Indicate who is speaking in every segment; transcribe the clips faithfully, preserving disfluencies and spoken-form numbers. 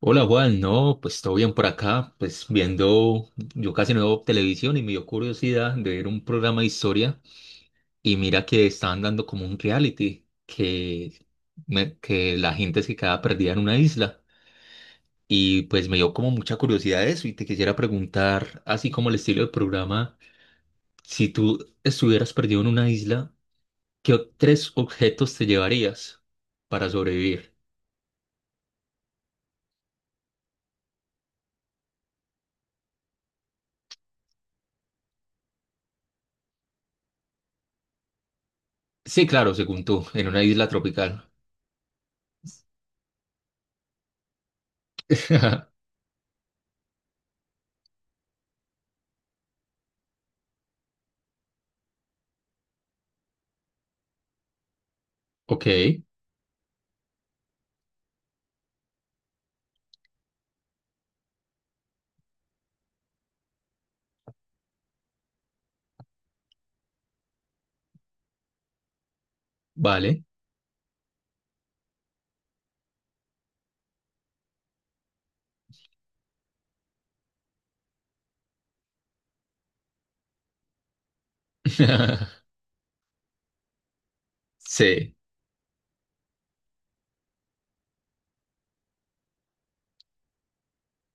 Speaker 1: Hola Juan, no, pues todo bien por acá, pues viendo, yo casi no veo televisión y me dio curiosidad de ver un programa de historia y mira que estaban dando como un reality, que, me- que la gente se quedaba perdida en una isla y pues me dio como mucha curiosidad eso y te quisiera preguntar, así como el estilo del programa, si tú estuvieras perdido en una isla, ¿qué o- tres objetos te llevarías para sobrevivir? Sí, claro, según tú, en una isla tropical. Ok, vale. Sí,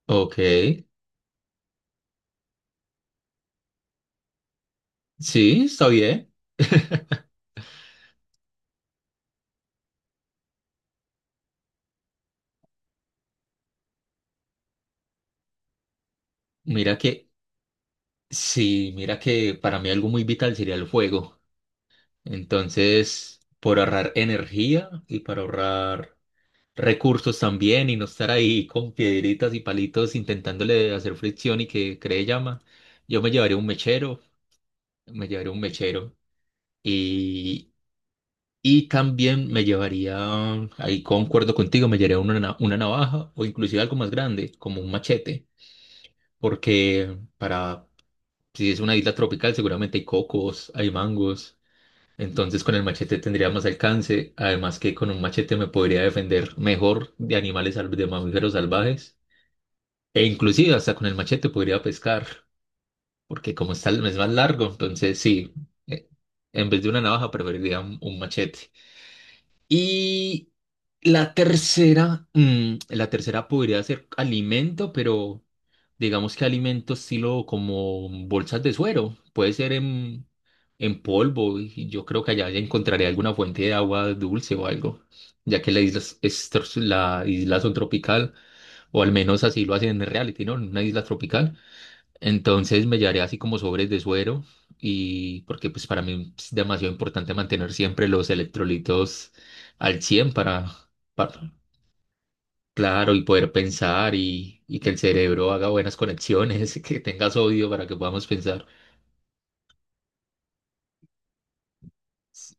Speaker 1: ok. Sí, está bien. Mira que, sí, mira que para mí algo muy vital sería el fuego. Entonces, por ahorrar energía y para ahorrar recursos también y no estar ahí con piedritas y palitos intentándole hacer fricción y que cree llama, yo me llevaría un mechero, me llevaría un mechero. Y también me llevaría, ahí concuerdo contigo, me llevaría una, na- una navaja o inclusive algo más grande, como un machete, porque para, si es una isla tropical, seguramente hay cocos, hay mangos, entonces con el machete tendría más alcance, además que con un machete me podría defender mejor de animales, sal- de mamíferos salvajes, e inclusive hasta con el machete podría pescar, porque como está, es más largo, entonces sí, eh, en vez de una navaja preferiría un un machete. Y la tercera, mm, la tercera podría ser alimento, pero digamos que alimento estilo como bolsas de suero. Puede ser en, en polvo y yo creo que allá ya encontraré alguna fuente de agua dulce o algo, ya que la isla es, es tro- la isla son tropical, o al menos así lo hacen en reality, ¿no? En una isla tropical. Entonces me llevaré así como sobres de suero y porque pues para mí es demasiado importante mantener siempre los electrolitos al cien para... para Claro, y poder pensar y, y que el cerebro haga buenas conexiones, que tengas odio para que podamos pensar. S-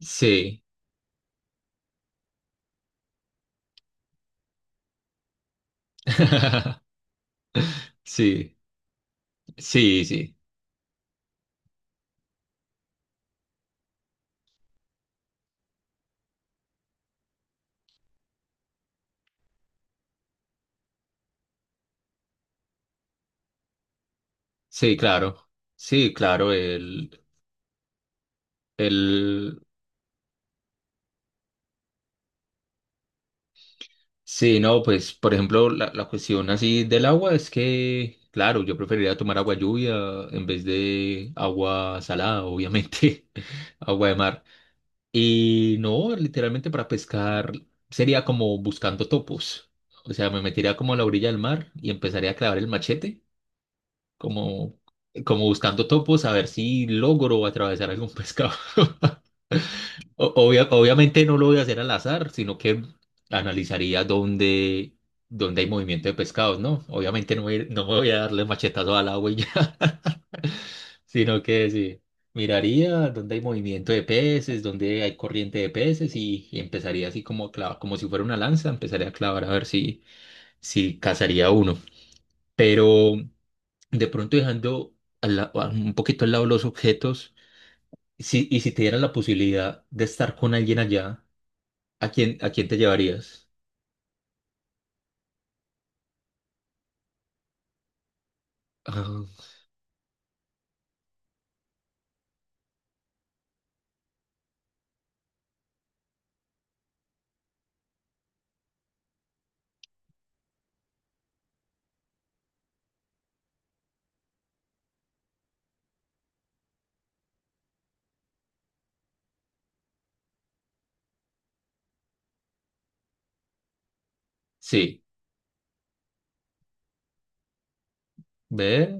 Speaker 1: Sí, sí, sí, sí, sí, claro, sí, claro, el, el, sí, no, pues, por ejemplo, la, la cuestión así del agua es que, claro, yo preferiría tomar agua lluvia en vez de agua salada, obviamente, agua de mar. Y no, literalmente para pescar sería como buscando topos. O sea, me metería como a la orilla del mar y empezaría a clavar el machete, como, como buscando topos, a ver si logro atravesar algún pescado. O- obvia- obviamente no lo voy a hacer al azar, sino que analizaría dónde, dónde hay movimiento de pescados, ¿no? Obviamente no, voy- no me voy a darle machetazo al agua y ya, sino que sí, miraría dónde hay movimiento de peces, dónde hay corriente de peces y, y empezaría así como a clavar, como si fuera una lanza, empezaría a clavar a ver si, si cazaría uno. Pero de pronto dejando al la- un poquito al lado los objetos, si, y si te dieran la posibilidad de estar con alguien allá. ¿A quién, a quién te llevarías? Ah, sí, ve,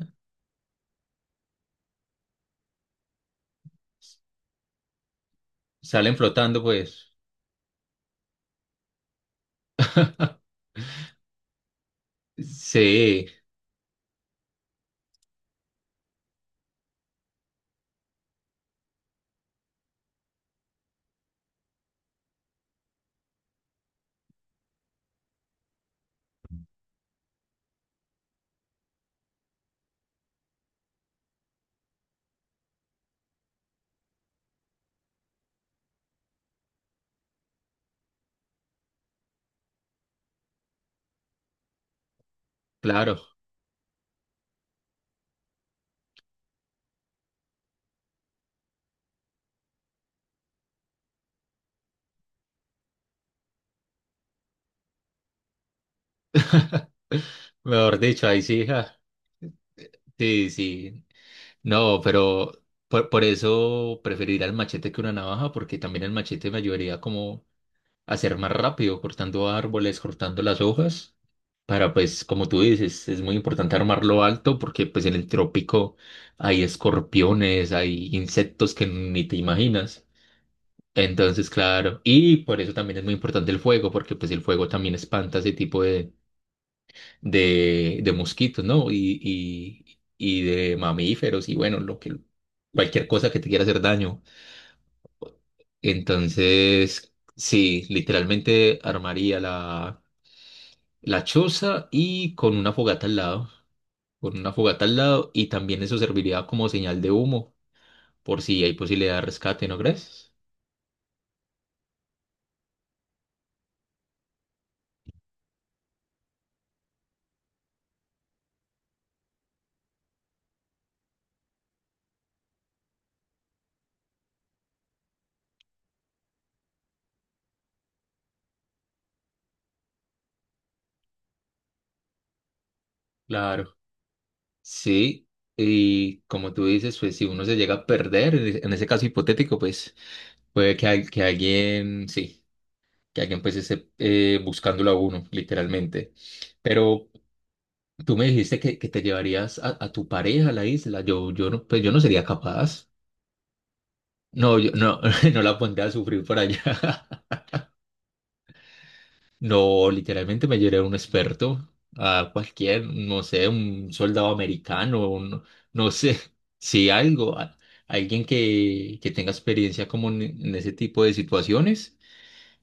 Speaker 1: salen flotando pues. Sí, claro. Mejor dicho, ahí sí, ja. Sí, sí. No, pero por, por eso preferiría el machete que una navaja, porque también el machete me ayudaría como a ser más rápido, cortando árboles, cortando las hojas, para pues, como tú dices, es muy importante armarlo alto, porque pues en el trópico hay escorpiones, hay insectos que ni te imaginas. Entonces, claro, y por eso también es muy importante el fuego, porque pues el fuego también espanta ese tipo de, de, de mosquitos, ¿no? Y, y, y de mamíferos y bueno, lo que, cualquier cosa que te quiera hacer daño. Entonces, sí, literalmente armaría la, la choza y con una fogata al lado, con una fogata al lado y también eso serviría como señal de humo, por si hay posibilidad de rescate, ¿no crees? Claro. Sí, y como tú dices, pues si uno se llega a perder, en e- en ese caso hipotético, pues puede que, al- que alguien, sí, que alguien pues esté eh, buscándolo a uno, literalmente. Pero tú me dijiste que, que te llevarías a, a tu pareja a la isla. Yo, yo no, pues yo no sería capaz. No, yo no, no la pondría a sufrir por allá. No, literalmente me lloré a un experto, a cualquier, no sé, un soldado americano, un- no sé, sí, algo, a- alguien que, que tenga experiencia como en, en ese tipo de situaciones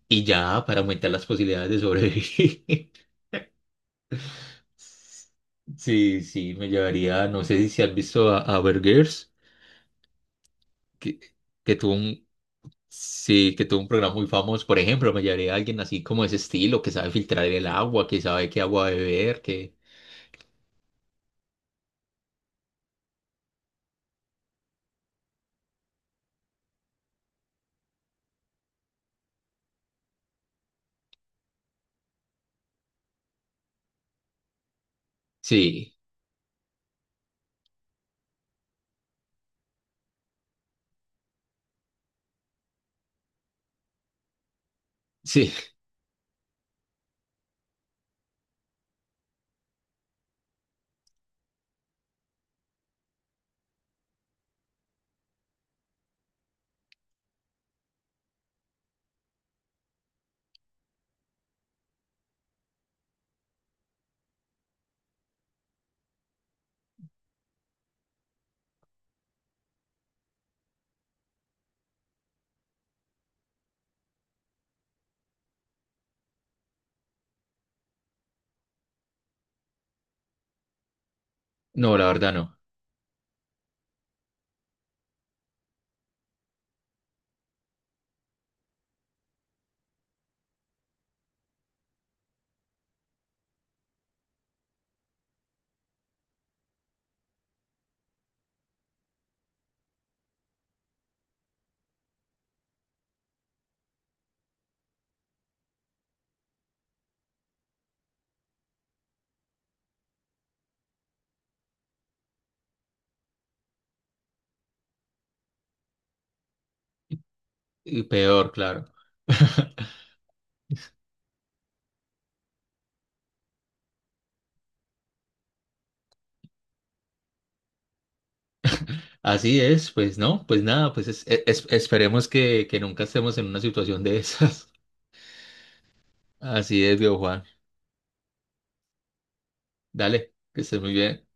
Speaker 1: y ya para aumentar las posibilidades de sobrevivir. Sí, sí, me llevaría, no sé si si has visto a, a Bear Grylls, que, que tuvo un, sí, que tuvo un programa muy famoso, por ejemplo, me llevaría a alguien así como ese estilo, que sabe filtrar el agua, que sabe qué agua beber, que, sí. Sí, no, la verdad no. Y peor, claro. Así es, pues no, pues nada, pues es- e, es- esperemos que, que nunca estemos en una situación de esas. Así es, viejo Juan. Dale, que estés muy bien.